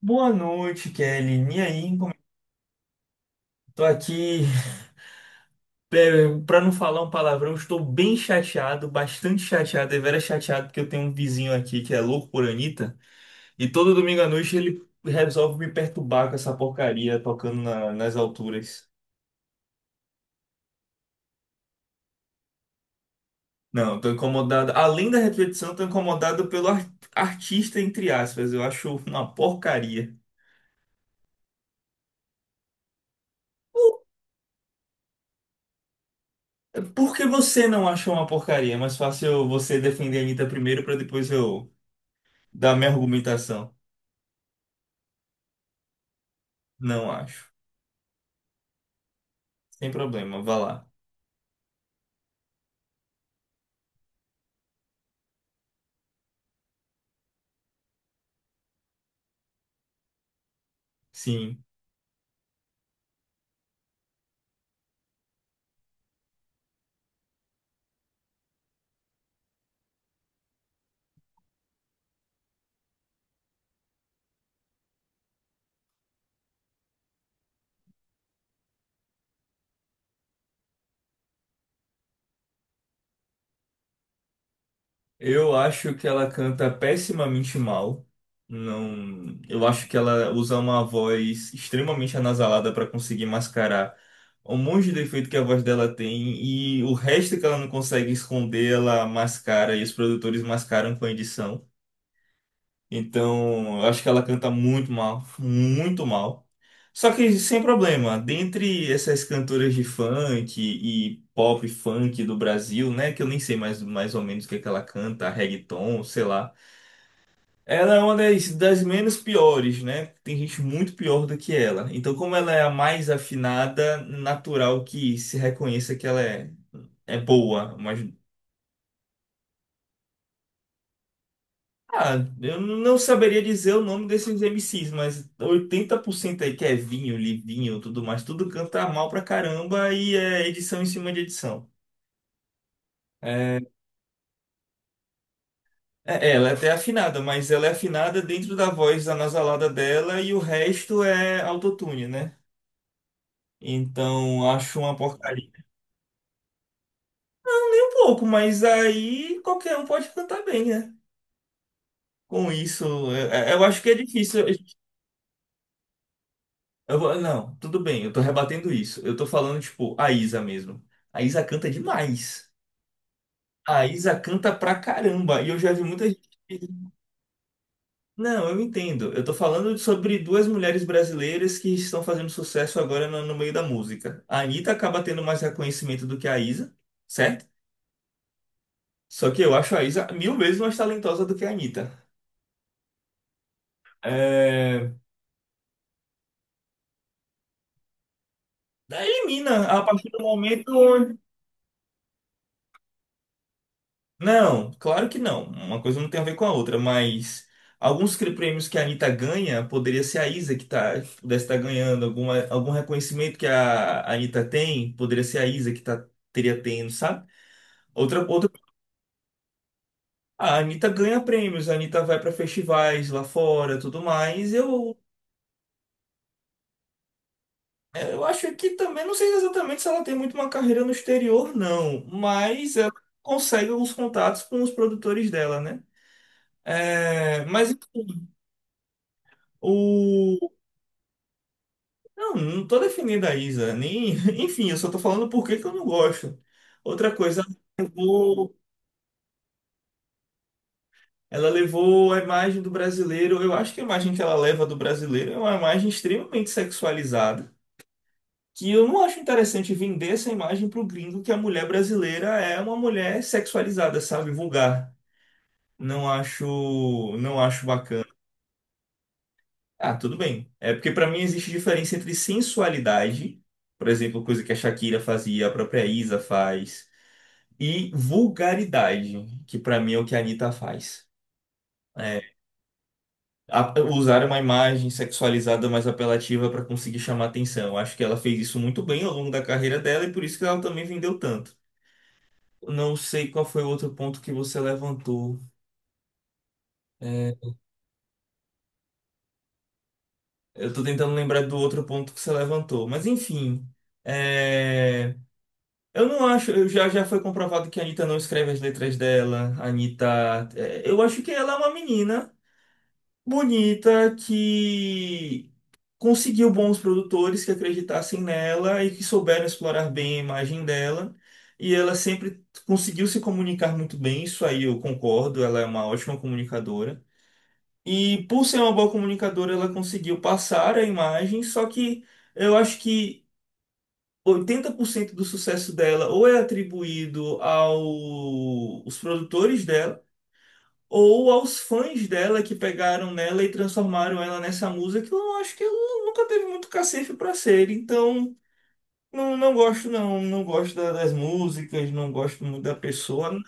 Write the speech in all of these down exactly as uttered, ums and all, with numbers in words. Boa noite, Kelly. E aí, como... tô aqui, é, pra não falar um palavrão, estou bem chateado, bastante chateado, deveras chateado, porque eu tenho um vizinho aqui que é louco por Anitta, e todo domingo à noite ele resolve me perturbar com essa porcaria tocando na- nas alturas. Não, tô incomodado. Além da repetição, tô incomodado pelo ar- artista, entre aspas. Eu acho uma porcaria. Por que você não achou uma porcaria? É mais fácil você defender a Anitta primeiro pra depois eu dar minha argumentação. Não acho. Sem problema, vá lá. Sim. Eu acho que ela canta pessimamente mal. Não, eu acho que ela usa uma voz extremamente anasalada para conseguir mascarar um monte de defeito que a voz dela tem e o resto que ela não consegue esconder, ela mascara e os produtores mascaram com a edição. Então, eu acho que ela canta muito mal, muito mal. Só que sem problema, dentre essas cantoras de funk e pop funk do Brasil, né, que eu nem sei mais, mais ou menos o que é que ela canta, reggaeton, sei lá. Ela é uma das, das menos piores, né? Tem gente muito pior do que ela. Então, como ela é a mais afinada, natural que se reconheça que ela é, é boa, mas ah, eu não saberia dizer o nome desses M MCs, mas oitenta por cento aí que é vinho, livinho, tudo mais, tudo canta mal pra caramba e é edição em cima de edição. É, é, é, ela é até afinada, mas ela é afinada dentro da voz anasalada dela e o resto é autotune, né? Então acho uma porcaria. Não, nem um pouco, mas aí qualquer um pode cantar bem, né? Com isso, é- é- eu acho que é difícil. Eu vou- não, tudo bem, eu tô rebatendo isso. Eu tô falando, tipo, a Isa mesmo. A Isa canta demais. A Isa canta pra caramba. E eu já vi muita gente. Não, eu entendo. Eu tô falando sobre duas mulheres brasileiras que estão fazendo sucesso agora no, no meio da música. A Anitta acaba tendo mais reconhecimento do que a Isa, certo? Só que eu acho a Isa mil vezes mais talentosa do que a Anitta. É... Elimina a partir do momento. Não, claro que não. Uma coisa não tem a ver com a outra, mas alguns cri- prêmios que a Anitta ganha, poderia ser a Isa que tá, que pudesse estar ganhando, alguma, algum reconhecimento que a, a Anitta tem, poderia ser a Isa que tá, teria tendo, sabe? Outra, outra, a Anitta ganha prêmios, a Anitta vai para festivais lá fora, tudo mais. Eu, é, eu acho que também, não sei exatamente se ela tem muito uma carreira no exterior, não, mas ela consegue alguns contatos com os produtores dela, né? É, mas enfim, o não, não tô defendendo a Isa, nem... Enfim, eu só tô falando por que que eu não gosto. Outra coisa, ela levou, ela levou a imagem do brasileiro, eu acho que a imagem que ela leva do brasileiro é uma imagem extremamente sexualizada, que eu não acho interessante vender essa imagem pro gringo que a mulher brasileira é uma mulher sexualizada, sabe, vulgar. Não acho, não acho bacana. Ah, tudo bem. É porque pra mim existe diferença entre sensualidade, por exemplo, coisa que a Shakira fazia, a própria Isa faz e vulgaridade, que pra mim é o que a Anitta faz. É, a- usar uma imagem sexualizada mais apelativa pra conseguir chamar atenção. Acho que ela fez isso muito bem ao longo da carreira dela e por isso que ela também vendeu tanto. Não sei qual foi o outro ponto que você levantou. É, eu tô tentando lembrar do outro ponto que você levantou, mas enfim. é, eu não acho, eu já, já foi comprovado que a Anitta não escreve as letras dela. A Anitta, é, eu acho que ela é uma menina bonita que conseguiu bons produtores que acreditassem nela e que souberam explorar bem a imagem dela. E ela sempre conseguiu se comunicar muito bem, isso aí eu concordo, ela é uma ótima comunicadora. E por ser uma boa comunicadora, ela conseguiu passar a imagem, só que eu acho que oitenta por cento do sucesso dela ou é atribuído aos produtores dela, ou aos fãs dela que pegaram nela e transformaram ela nessa musa que eu acho que ela nunca teve muito cacife para ser. Então, não, não gosto não, não gosto da- das músicas, não gosto muito da pessoa.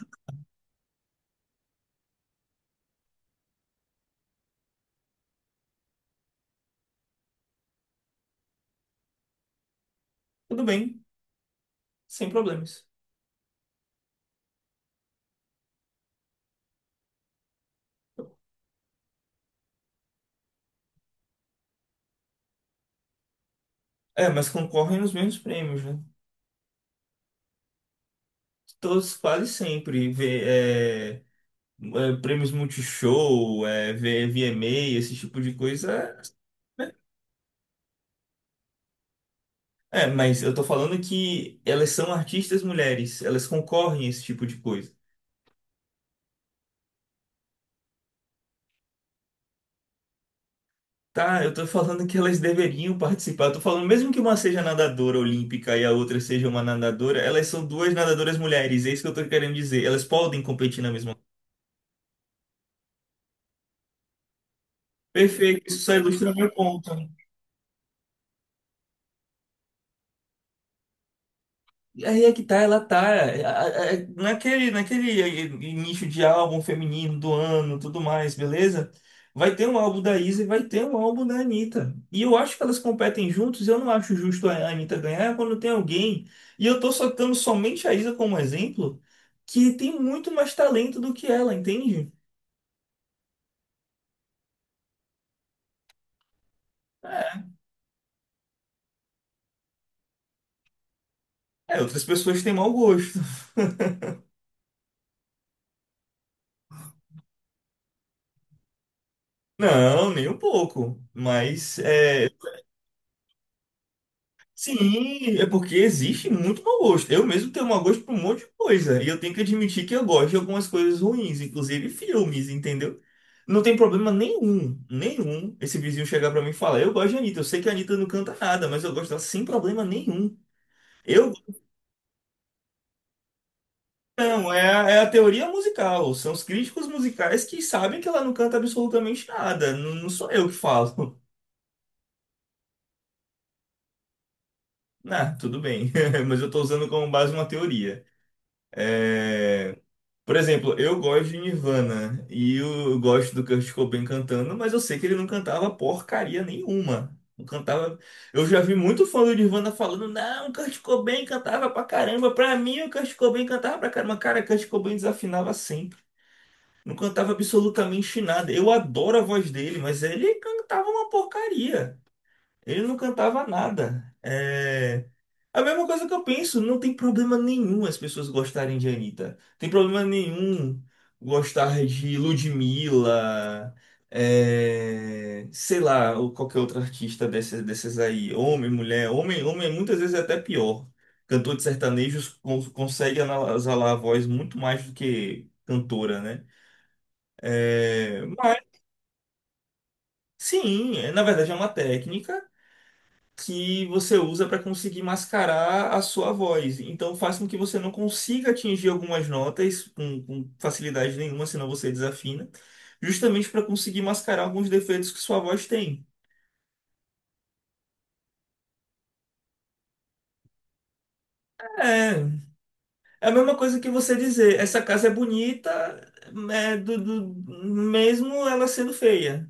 Tudo bem, sem problemas. É, mas concorrem nos mesmos prêmios, né? Todos quase sempre vê, é, é, prêmios Multishow, é, vê V M A, esse tipo de coisa. É, mas eu tô falando que elas são artistas mulheres, elas concorrem a esse tipo de coisa. Tá, eu tô falando que elas deveriam participar. Eu tô falando, mesmo que uma seja nadadora olímpica e a outra seja uma nadadora, elas são duas nadadoras mulheres, é isso que eu tô querendo dizer. Elas podem competir na mesma. Perfeito, isso só ilustra o meu ponto. Aí é que tá, ela tá é, a- a- naquele, naquele nicho de álbum feminino do ano, tudo mais, beleza? Vai ter um álbum da Isa e vai ter um álbum da Anitta. E eu acho que elas competem juntos, eu não acho justo a Anitta ganhar quando tem alguém. E eu tô soltando somente a Isa como exemplo, que tem muito mais talento do que ela, entende? É, outras pessoas têm mau gosto. Não, nem um pouco. Mas. é Sim, é porque existe muito mau gosto. Eu mesmo tenho mau gosto por um monte de coisa. E eu tenho que admitir que eu gosto de algumas coisas ruins, inclusive filmes, entendeu? Não tem problema nenhum, nenhum, esse vizinho chegar pra mim e falar: eu gosto de Anitta, eu sei que a Anitta não canta nada, mas eu gosto dela sem problema nenhum. Eu não, é, a- é a teoria musical. São os críticos musicais que sabem que ela não canta absolutamente nada. Não, não sou eu que falo. Ah, tudo bem, mas eu tô usando como base uma teoria. É. Por exemplo, eu gosto de Nirvana e eu gosto do Kurt Cobain cantando, mas eu sei que ele não cantava porcaria nenhuma. Não cantava. Eu já vi muito fã do Nirvana falando, não, o Kurt Cobain cantava pra caramba. Pra mim, o Kurt Cobain cantava pra caramba. Cara, o Kurt Cobain desafinava sempre. Não cantava absolutamente nada. Eu adoro a voz dele, mas ele cantava uma porcaria. Ele não cantava nada. É, é a mesma coisa que eu penso, não tem problema nenhum as pessoas gostarem de Anitta. Tem problema nenhum gostar de Ludmilla, é, sei lá, ou qualquer outro artista desses, desses aí. Homem, mulher, homem, homem é muitas vezes é até pior. Cantor de sertanejos con- consegue exalar a voz muito mais do que cantora, né? É, Mas sim, é- na verdade é uma técnica que você usa para conseguir mascarar a sua voz. Então faz com que você não consiga atingir algumas notas com, com facilidade nenhuma, senão você desafina, justamente para conseguir mascarar alguns defeitos que sua voz tem. É, é a mesma coisa que você dizer, essa casa é bonita, é, do, do- mesmo ela sendo feia.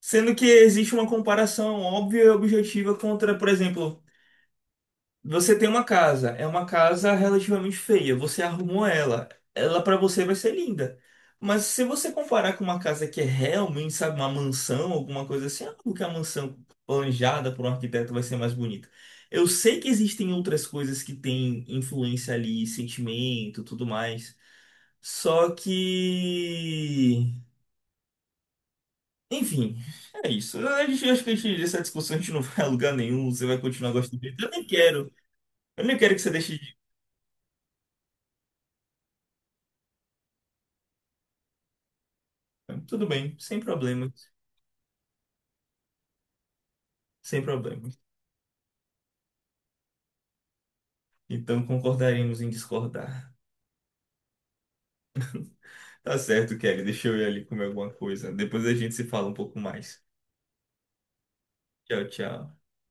Sendo que existe uma comparação óbvia e objetiva contra, por exemplo, você tem uma casa, é uma casa relativamente feia. Você arrumou ela, ela pra você vai ser linda. Mas se você comparar com uma casa que é realmente, sabe, uma mansão, alguma coisa assim, é porque a mansão planejada por um arquiteto vai ser mais bonita. Eu sei que existem outras coisas que têm influência ali, sentimento, tudo mais. Só que, enfim, é isso. A gente acho que a gente, essa discussão a gente não vai a lugar nenhum. Você vai continuar gostando. de- Eu nem quero. Eu nem quero que você deixe então, tudo bem, sem problemas, sem problemas. Então concordaremos em discordar. Tá certo, Kelly, deixa eu ir ali comer alguma coisa. Depois a gente se fala um pouco mais. Tchau, tchau.